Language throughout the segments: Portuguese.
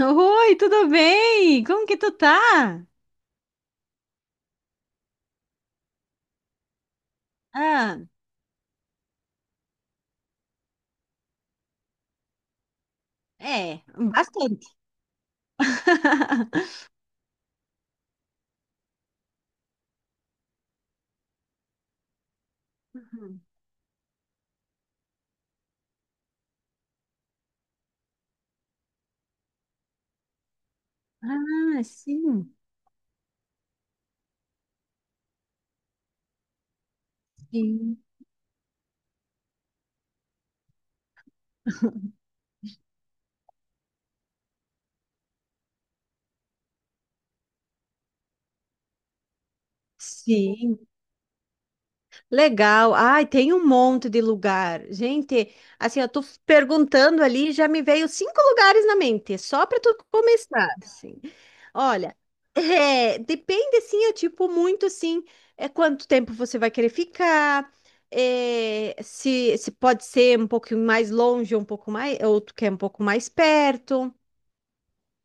Oi, tudo bem? Como que tu tá? Ah, é, bastante. Uhum. Ah, sim, sim, sim. Legal. Ai, tem um monte de lugar. Gente, assim, eu tô perguntando ali, já me veio cinco lugares na mente, só para tu começar, assim. Olha, é, depende, sim, é tipo muito, sim, é quanto tempo você vai querer ficar, é, se pode ser um pouquinho mais longe, um pouco mais, ou tu quer um pouco mais perto.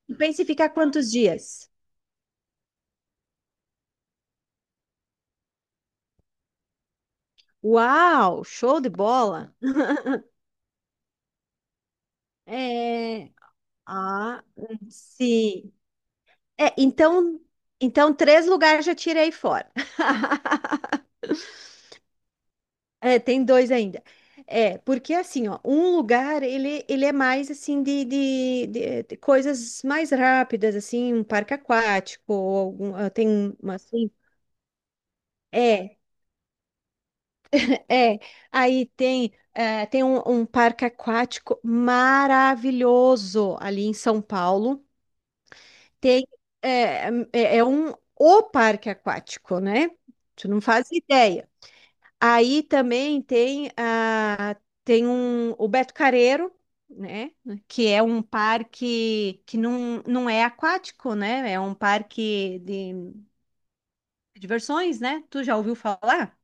Tu pensa em ficar quantos dias? Uau, show de bola. É, ah, sim. É, então três lugares já tirei fora. É, tem dois ainda. É, porque assim, ó, um lugar ele é mais assim de coisas mais rápidas, assim, um parque aquático, ou algum, ah, tem uma, assim, é, é. Aí tem, tem um parque aquático maravilhoso ali em São Paulo. Tem, é, é um o parque aquático, né? Tu não faz ideia. Aí também tem, tem um, o Beto Carreiro, né? Que é um parque que não é aquático, né? É um parque de diversões, né? Tu já ouviu falar?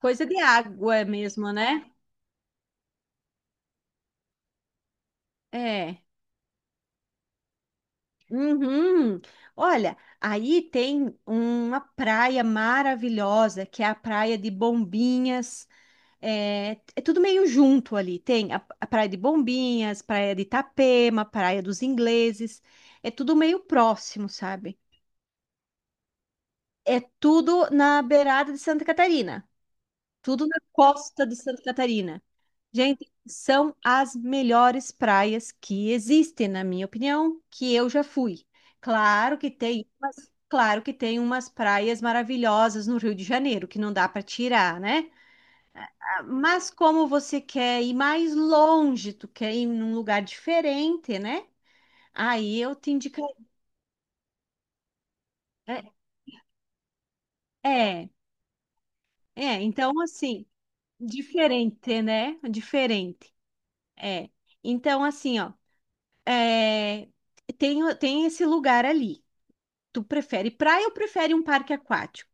Coisa de água mesmo, né? É. Uhum. Olha, aí tem uma praia maravilhosa, que é a praia de Bombinhas. É, é tudo meio junto ali. Tem a Praia de Bombinhas, Praia de Itapema, Praia dos Ingleses. É tudo meio próximo, sabe? É tudo na beirada de Santa Catarina. Tudo na costa de Santa Catarina. Gente, são as melhores praias que existem, na minha opinião, que eu já fui. Claro que tem umas praias maravilhosas no Rio de Janeiro, que não dá para tirar, né? Mas como você quer ir mais longe, tu quer ir num lugar diferente, né? Aí eu te indicaria. É, é, então assim, diferente, né? Diferente. É. Então, assim, ó, é, tem, tem esse lugar ali. Tu prefere praia ou prefere um parque aquático?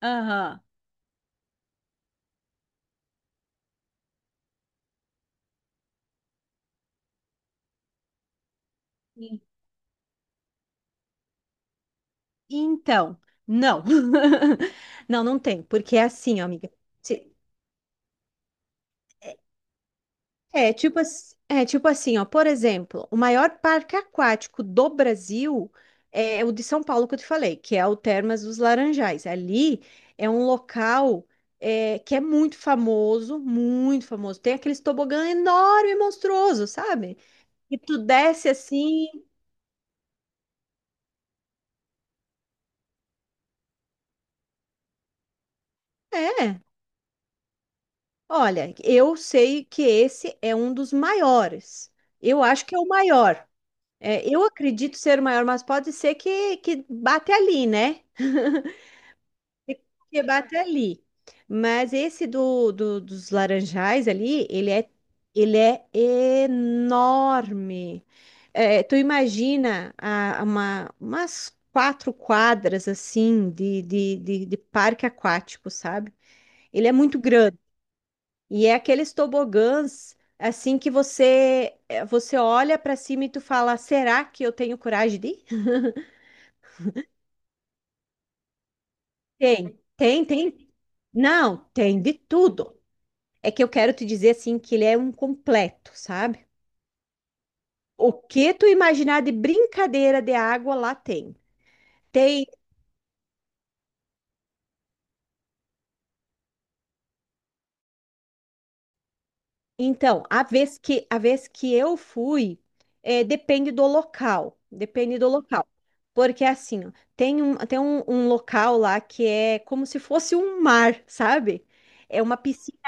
Aham. Sim. Então, não. Não, não tem, porque é assim, ó, amiga. É tipo, é tipo assim, ó, por exemplo, o maior parque aquático do Brasil é o de São Paulo que eu te falei, que é o Termas dos Laranjais. Ali é um local, que é muito famoso, muito famoso. Tem aqueles tobogã enorme e monstruoso, sabe? E tu desce assim, é. Olha, eu sei que esse é um dos maiores. Eu acho que é o maior. É, eu acredito ser o maior, mas pode ser que bate ali, né? Que bate ali. Mas esse dos laranjais ali, ele é enorme. É, tu imagina umas 4 quadras assim de parque aquático, sabe? Ele é muito grande. E é aqueles tobogãs assim que você você olha para cima e tu fala, será que eu tenho coragem de ir? Tem, tem, tem. Não, tem de tudo. É que eu quero te dizer assim que ele é um completo, sabe? O que tu imaginar de brincadeira de água lá tem. Tem, então, a vez que eu fui, é, depende do local, depende do local. Porque assim, ó, tem um local lá que é como se fosse um mar, sabe? É uma piscina.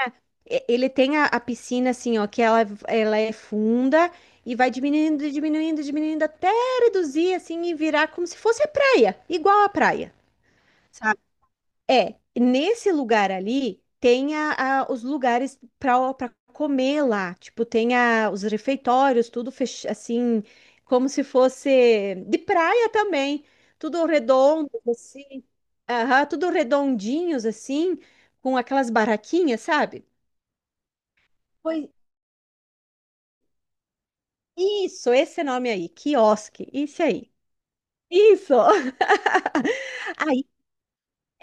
Ele tem a piscina assim, ó, que ela é funda e vai diminuindo, diminuindo, diminuindo até reduzir assim e virar como se fosse a praia, igual a praia, sabe? É, nesse lugar ali tem os lugares para comer lá, tipo, os refeitórios, assim, como se fosse de praia também, tudo redondo assim, aham, tudo redondinhos assim, com aquelas barraquinhas, sabe? Pois isso, esse nome aí, quiosque, isso aí. Isso. Aí,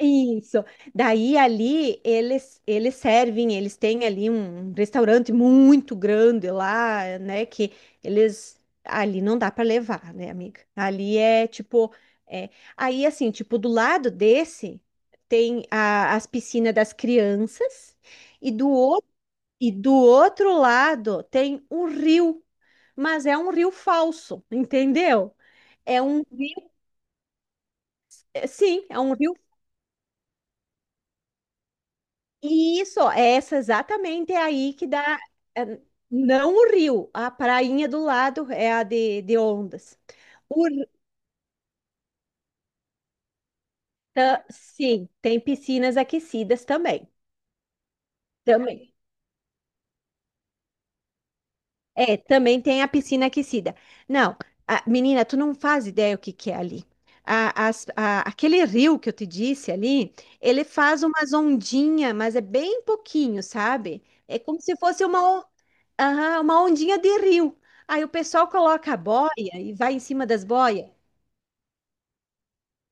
isso. Daí ali eles servem, eles têm ali um restaurante muito grande lá, né, que eles ali não dá para levar, né, amiga? Ali é tipo é, aí assim, tipo do lado desse tem as piscinas das crianças e do outro e do outro lado tem um rio, mas é um rio falso, entendeu? É um rio, é, sim, é um rio. E isso, é essa exatamente é aí que dá, é, não o rio, a prainha do lado é a de ondas. O, tá, sim, tem piscinas aquecidas também, também. É, também tem a piscina aquecida. Não, menina, tu não faz ideia o que que é ali. Aquele rio que eu te disse ali, ele faz umas ondinhas, mas é bem pouquinho, sabe? É como se fosse aham, uma ondinha de rio. Aí o pessoal coloca a boia e vai em cima das boias.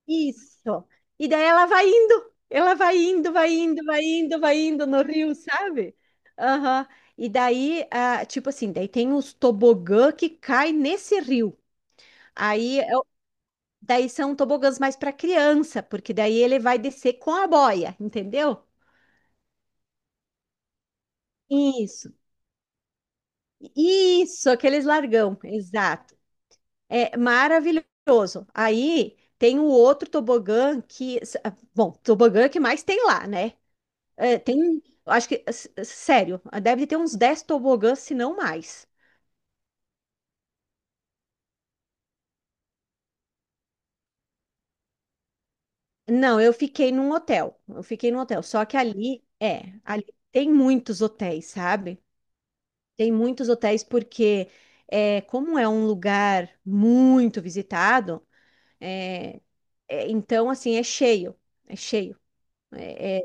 Isso. E daí ela vai indo, vai indo, vai indo, vai indo no rio, sabe? Aham. E daí, ah, tipo assim, daí tem os tobogã que cai nesse rio. Aí, daí são tobogãs mais para criança, porque daí ele vai descer com a boia, entendeu? Isso, isso, aqueles largão, exato. É maravilhoso. Aí tem o outro tobogã que, bom, tobogã que mais tem lá, né? É, tem, um, acho que, sério, deve ter uns 10 tobogãs, se não mais. Não, eu fiquei num hotel. Eu fiquei num hotel. Só que ali, é, ali tem muitos hotéis, sabe? Tem muitos hotéis porque, é, como é um lugar muito visitado, é, então, assim, é cheio. É cheio. É,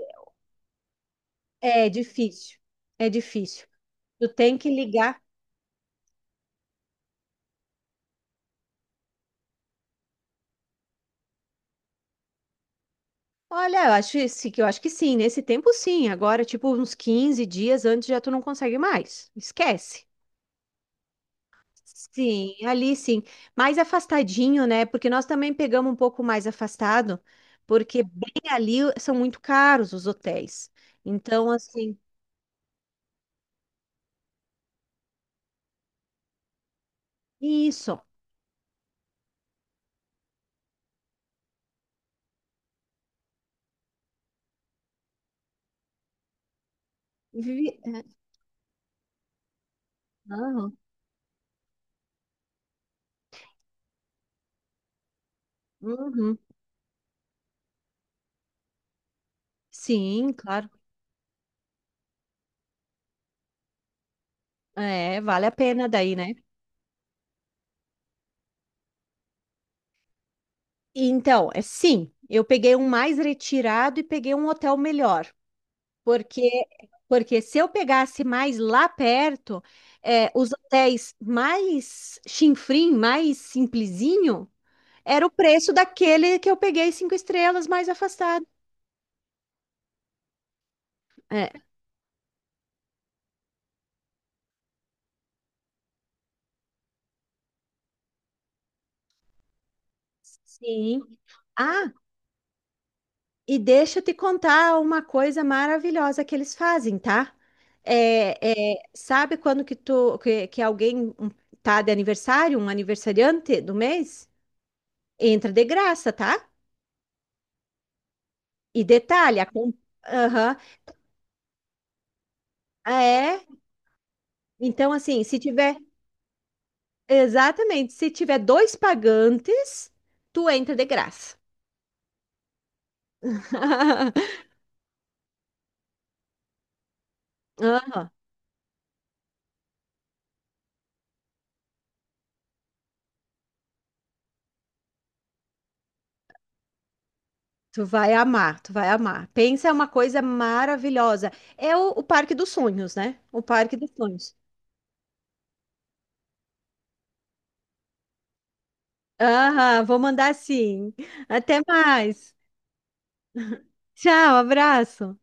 é difícil. É difícil. Tu tem que ligar. Olha, eu acho que eu acho que sim, nesse tempo sim. Agora, tipo, uns 15 dias antes já tu não consegue mais. Esquece. Sim, ali sim. Mais afastadinho, né? Porque nós também pegamos um pouco mais afastado, porque bem ali são muito caros os hotéis. Então, assim, isso. Vi- Aham, uhum. Sim, claro. É, vale a pena daí, né? Então, é sim, eu peguei um mais retirado e peguei um hotel melhor, porque se eu pegasse mais lá perto, é, os hotéis mais chinfrim, mais simplesinho. Era o preço daquele que eu peguei cinco estrelas mais afastado. É, sim. Ah, e deixa eu te contar uma coisa maravilhosa que eles fazem, tá? Sabe quando que que alguém tá de aniversário, um aniversariante do mês? Entra de graça, tá? E detalhe, aham, é. Então, assim, se tiver, exatamente, se tiver dois pagantes, tu entra de graça. Aham. Tu vai amar, tu vai amar. Pensa, é uma coisa maravilhosa. É o Parque dos Sonhos, né? O Parque dos Sonhos. Aham, vou mandar sim. Até mais. Tchau, abraço.